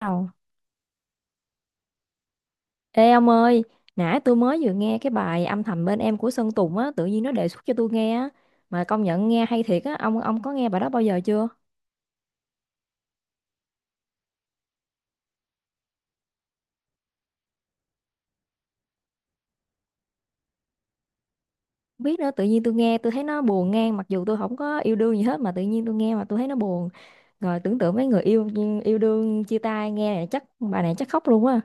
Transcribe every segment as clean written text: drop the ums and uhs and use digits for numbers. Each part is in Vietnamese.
Ồ. Ê ông ơi, nãy tôi mới vừa nghe cái bài âm thầm bên em của Sơn Tùng á, tự nhiên nó đề xuất cho tôi nghe á, mà công nhận nghe hay thiệt á, ông có nghe bài đó bao giờ chưa? Không biết nữa, tự nhiên tôi nghe tôi thấy nó buồn ngang, mặc dù tôi không có yêu đương gì hết mà tự nhiên tôi nghe mà tôi thấy nó buồn. Rồi tưởng tượng mấy người yêu yêu đương chia tay nghe này chắc bài này chắc khóc luôn á.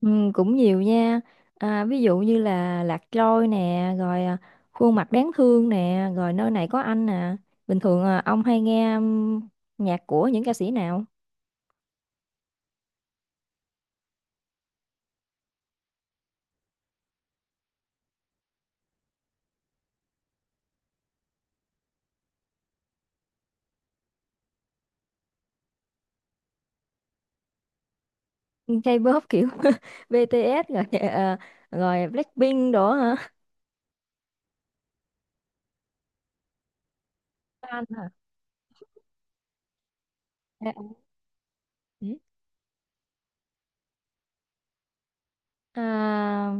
Ừ, cũng nhiều nha, ví dụ như là Lạc Trôi nè, rồi khuôn mặt đáng thương nè, rồi nơi này có anh nè. Bình thường ông hay nghe nhạc của những ca sĩ nào? K-pop kiểu BTS rồi rồi Blackpink đó hả? Fan hả? À, ừ. À,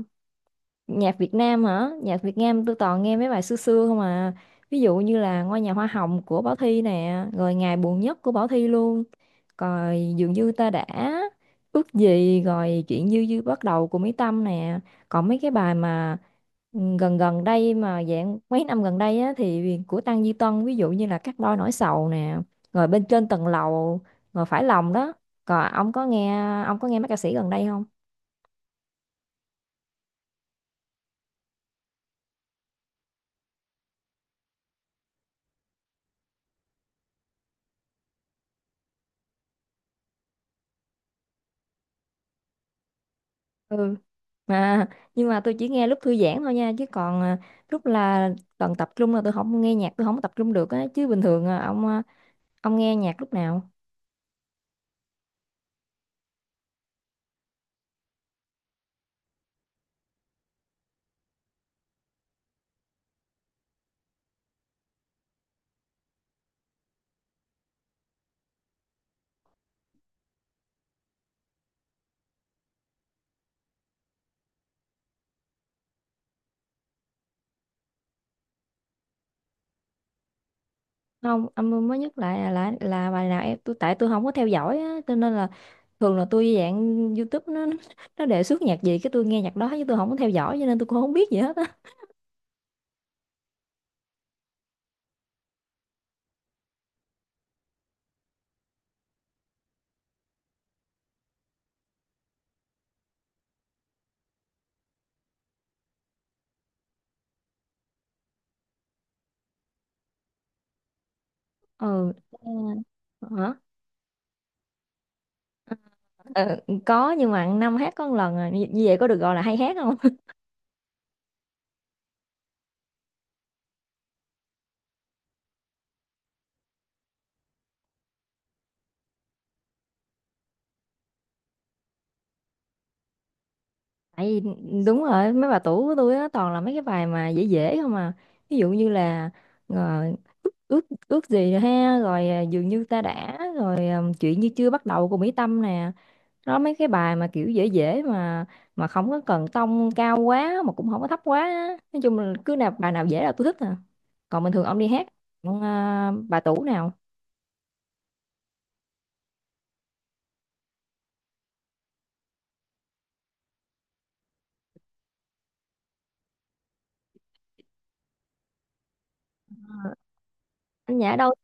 nhạc Việt Nam hả? Nhạc Việt Nam tôi toàn nghe mấy bài xưa xưa không à, ví dụ như là Ngôi nhà hoa hồng của Bảo Thy nè, rồi Ngày buồn nhất của Bảo Thy luôn, rồi dường như ta đã ước gì, rồi chuyện như dư bắt đầu của Mỹ Tâm nè. Còn mấy cái bài mà gần gần đây mà dạng mấy năm gần đây á, thì của Tăng Duy Tân, ví dụ như là Cắt đôi nỗi sầu nè, rồi bên trên tầng lầu, rồi phải lòng đó. Còn ông có nghe, ông có nghe mấy ca sĩ gần đây không? Mà nhưng mà tôi chỉ nghe lúc thư giãn thôi nha, chứ còn lúc là cần tập trung là tôi không nghe nhạc, tôi không tập trung được á. Chứ bình thường ông, ông nghe nhạc lúc nào? Không, ông mới nhất lại là bài nào em tôi, tại tôi không có theo dõi á, cho nên là thường là tôi dạng YouTube nó đề xuất nhạc gì cái tôi nghe nhạc đó, chứ tôi không có theo dõi cho nên tôi cũng không biết gì hết á. Ừ. À, hả? Ờ, có, nhưng mà năm hát có một lần à. Như như vậy có được gọi là hay hát tại vì, đúng rồi, mấy bà tủ của tôi á toàn là mấy cái bài mà dễ dễ không à, ví dụ như là, rồi ước ước ước gì ha, rồi dường như ta đã, rồi chuyện như chưa bắt đầu của Mỹ Tâm nè. Đó, mấy cái bài mà kiểu dễ dễ mà không có cần tông cao quá mà cũng không có thấp quá á. Nói chung là cứ nào bài nào dễ là tôi thích à. Còn bình thường ông đi hát ông, bà tủ nào? Anh Nhã đâu?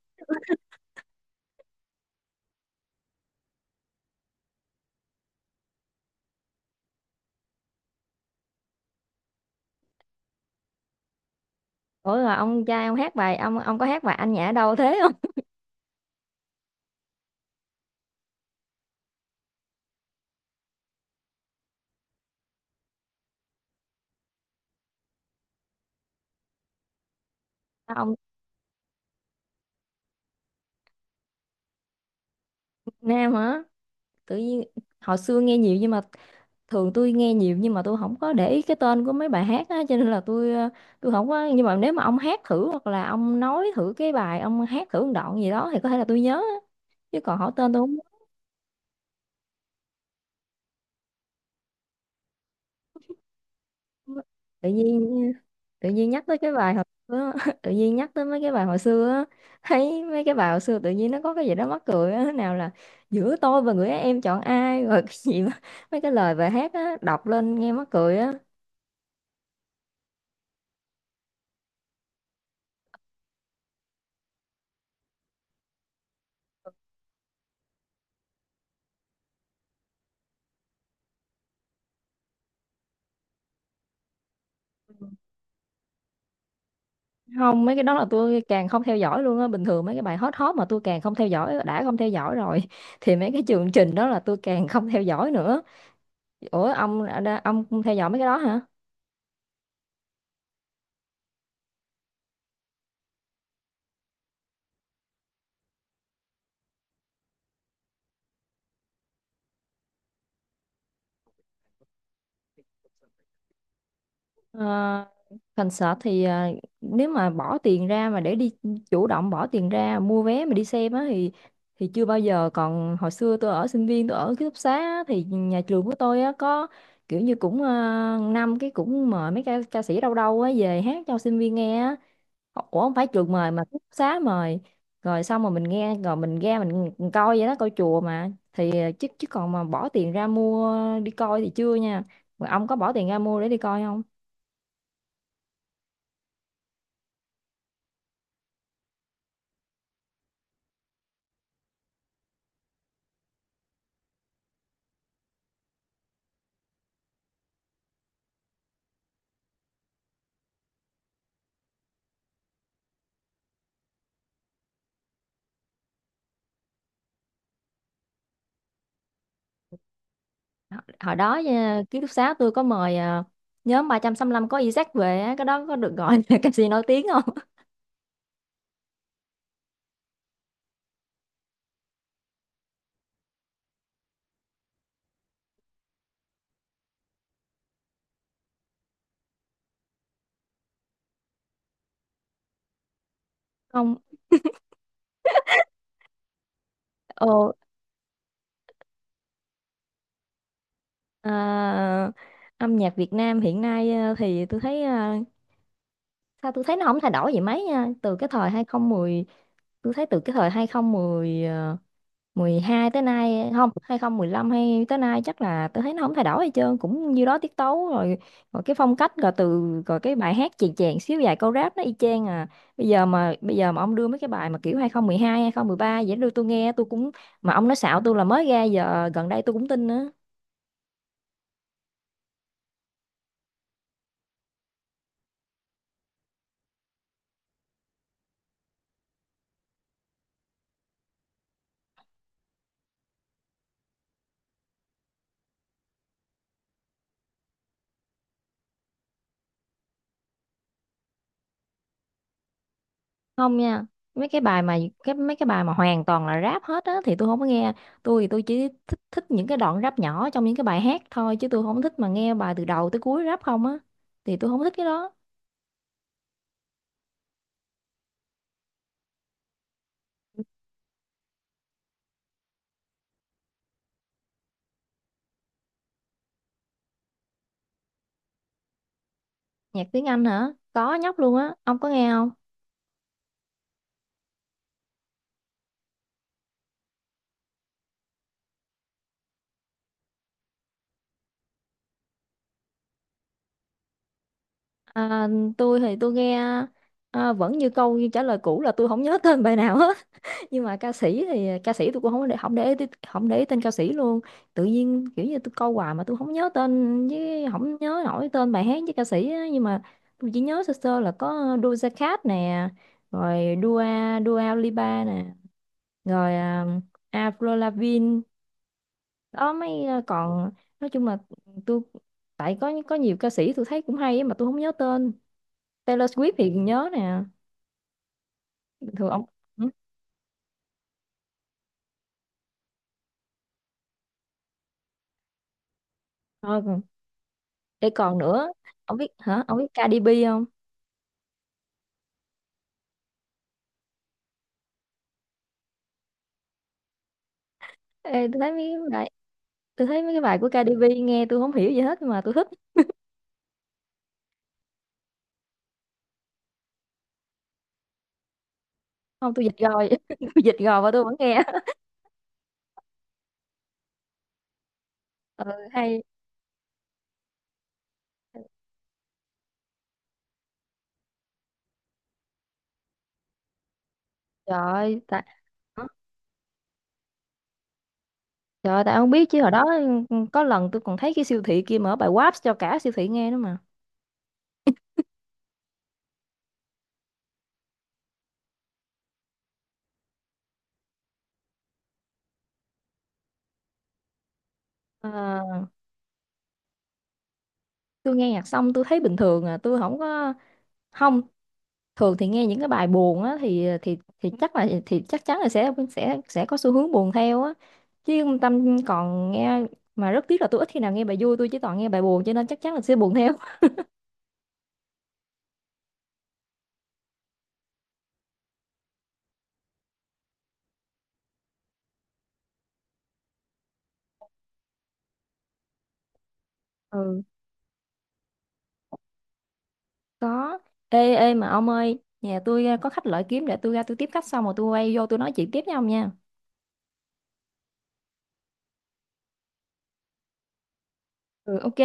Ủa, rồi ông trai ông hát bài, ông có hát bài anh Nhã đâu thế không? Ông Nam hả? Tự nhiên hồi xưa nghe nhiều, nhưng mà thường tôi nghe nhiều nhưng mà tôi không có để ý cái tên của mấy bài hát á, cho nên là tôi tôi không có. Nhưng mà nếu mà ông hát thử hoặc là ông nói thử cái bài, ông hát thử một đoạn gì đó thì có thể là tôi nhớ á. Chứ còn hỏi tên tôi không nhớ. Tự nhiên, tự nhiên nhắc tới cái bài hồi xưa á, tự nhiên nhắc tới mấy cái bài hồi xưa á, thấy mấy cái bài hồi xưa tự nhiên nó có cái gì đó mắc cười á, nào là giữa tôi và người ấy em chọn ai, rồi cái gì mà, mấy cái lời bài hát á đọc lên nghe mắc cười á. Không, mấy cái đó là tôi càng không theo dõi luôn á. Bình thường mấy cái bài hot hot mà tôi càng không theo dõi, đã không theo dõi rồi thì mấy cái chương trình đó là tôi càng không theo dõi nữa. Ủa ông không theo dõi mấy cái đó hả? Ờ, concert thì nếu mà bỏ tiền ra mà để đi, chủ động bỏ tiền ra mua vé mà đi xem á, thì chưa bao giờ. Còn hồi xưa tôi ở sinh viên, tôi ở ký túc xá á, thì nhà trường của tôi á có kiểu như cũng năm cái cũng mời mấy ca sĩ đâu đâu á về hát cho sinh viên nghe á. Ủa không phải trường mời mà ký túc xá mời, rồi xong rồi mình nghe rồi mình ra mình coi vậy đó, coi chùa mà, thì ờ, chứ chứ còn mà bỏ tiền ra mua đi coi thì chưa nha. Mà ông có bỏ tiền ra mua để đi coi không? Hồi hồi đó ký túc xá tôi có mời nhóm 365 có Isaac về á, cái đó có được gọi là ca sĩ nổi tiếng không? Không. Ồ. À, âm nhạc Việt Nam hiện nay thì tôi thấy sao tôi thấy nó không thay đổi gì mấy nha, từ cái thời 2010, tôi thấy từ cái thời 2010 hai tới nay, không, 2015 hay tới nay chắc là, tôi thấy nó không thay đổi gì hết trơn, cũng như đó tiết tấu rồi, rồi cái phong cách, rồi từ, rồi cái bài hát chèn chèn xíu vài câu rap, nó y chang à. Bây giờ mà, bây giờ mà ông đưa mấy cái bài mà kiểu 2012 ba vậy đưa tôi nghe tôi cũng, mà ông nói xạo tôi là mới ra giờ gần đây tôi cũng tin nữa. Không nha, mấy cái bài mà, cái mấy cái bài mà hoàn toàn là rap hết á thì tôi không có nghe. Tôi thì tôi chỉ thích thích những cái đoạn rap nhỏ trong những cái bài hát thôi, chứ tôi không thích mà nghe bài từ đầu tới cuối rap không á, thì tôi không thích cái đó. Nhạc tiếng Anh hả? Có nhóc luôn á, ông có nghe không? À, tôi thì tôi nghe, à, vẫn như câu như trả lời cũ là tôi không nhớ tên bài nào hết, nhưng mà ca sĩ thì ca sĩ tôi cũng không để không để ý- không để ý tên ca sĩ luôn. Tự nhiên kiểu như tôi câu hoài mà tôi không nhớ tên, với không nhớ nổi tên bài hát với ca sĩ á. Nhưng mà tôi chỉ nhớ sơ sơ là có Doja Cat nè, rồi Dua Dua Lipa nè, rồi Avril Lavigne, đó mấy, còn nói chung là tôi, tại có nhiều ca sĩ tôi thấy cũng hay á mà tôi không nhớ tên. Taylor Swift thì nhớ nè. Bình thường ông ừ. Thôi còn- để còn nữa, ông biết hả, ông biết Cardi B không? Ê, tôi thấy mấy cái bài, tôi thấy mấy cái bài của Cardi B nghe tôi không hiểu gì hết nhưng mà tôi thích. Không tôi dịch rồi, tôi dịch rồi và tôi vẫn nghe. Ừ, hay. Trời ơi, tại, trời ơi, tại ông biết chứ hồi đó có lần tôi còn thấy cái siêu thị kia mở bài WAP cho cả siêu thị nghe nữa mà. Ờ, tôi nghe nhạc xong tôi thấy bình thường à, tôi không có không, thường thì nghe những cái bài buồn á thì thì chắc là thì chắc chắn là sẽ sẽ có xu hướng buồn theo á, chứ Tâm còn nghe, mà rất tiếc là tôi ít khi nào nghe bài vui, tôi chỉ toàn nghe bài buồn cho nên chắc chắn là sẽ buồn theo. Ừ. Có. Ê ê mà ông ơi, nhà tôi à, có khách lợi kiếm để tôi ra tôi tiếp khách xong rồi tôi quay vô tôi nói chuyện tiếp với ông nha. Ừ, ok.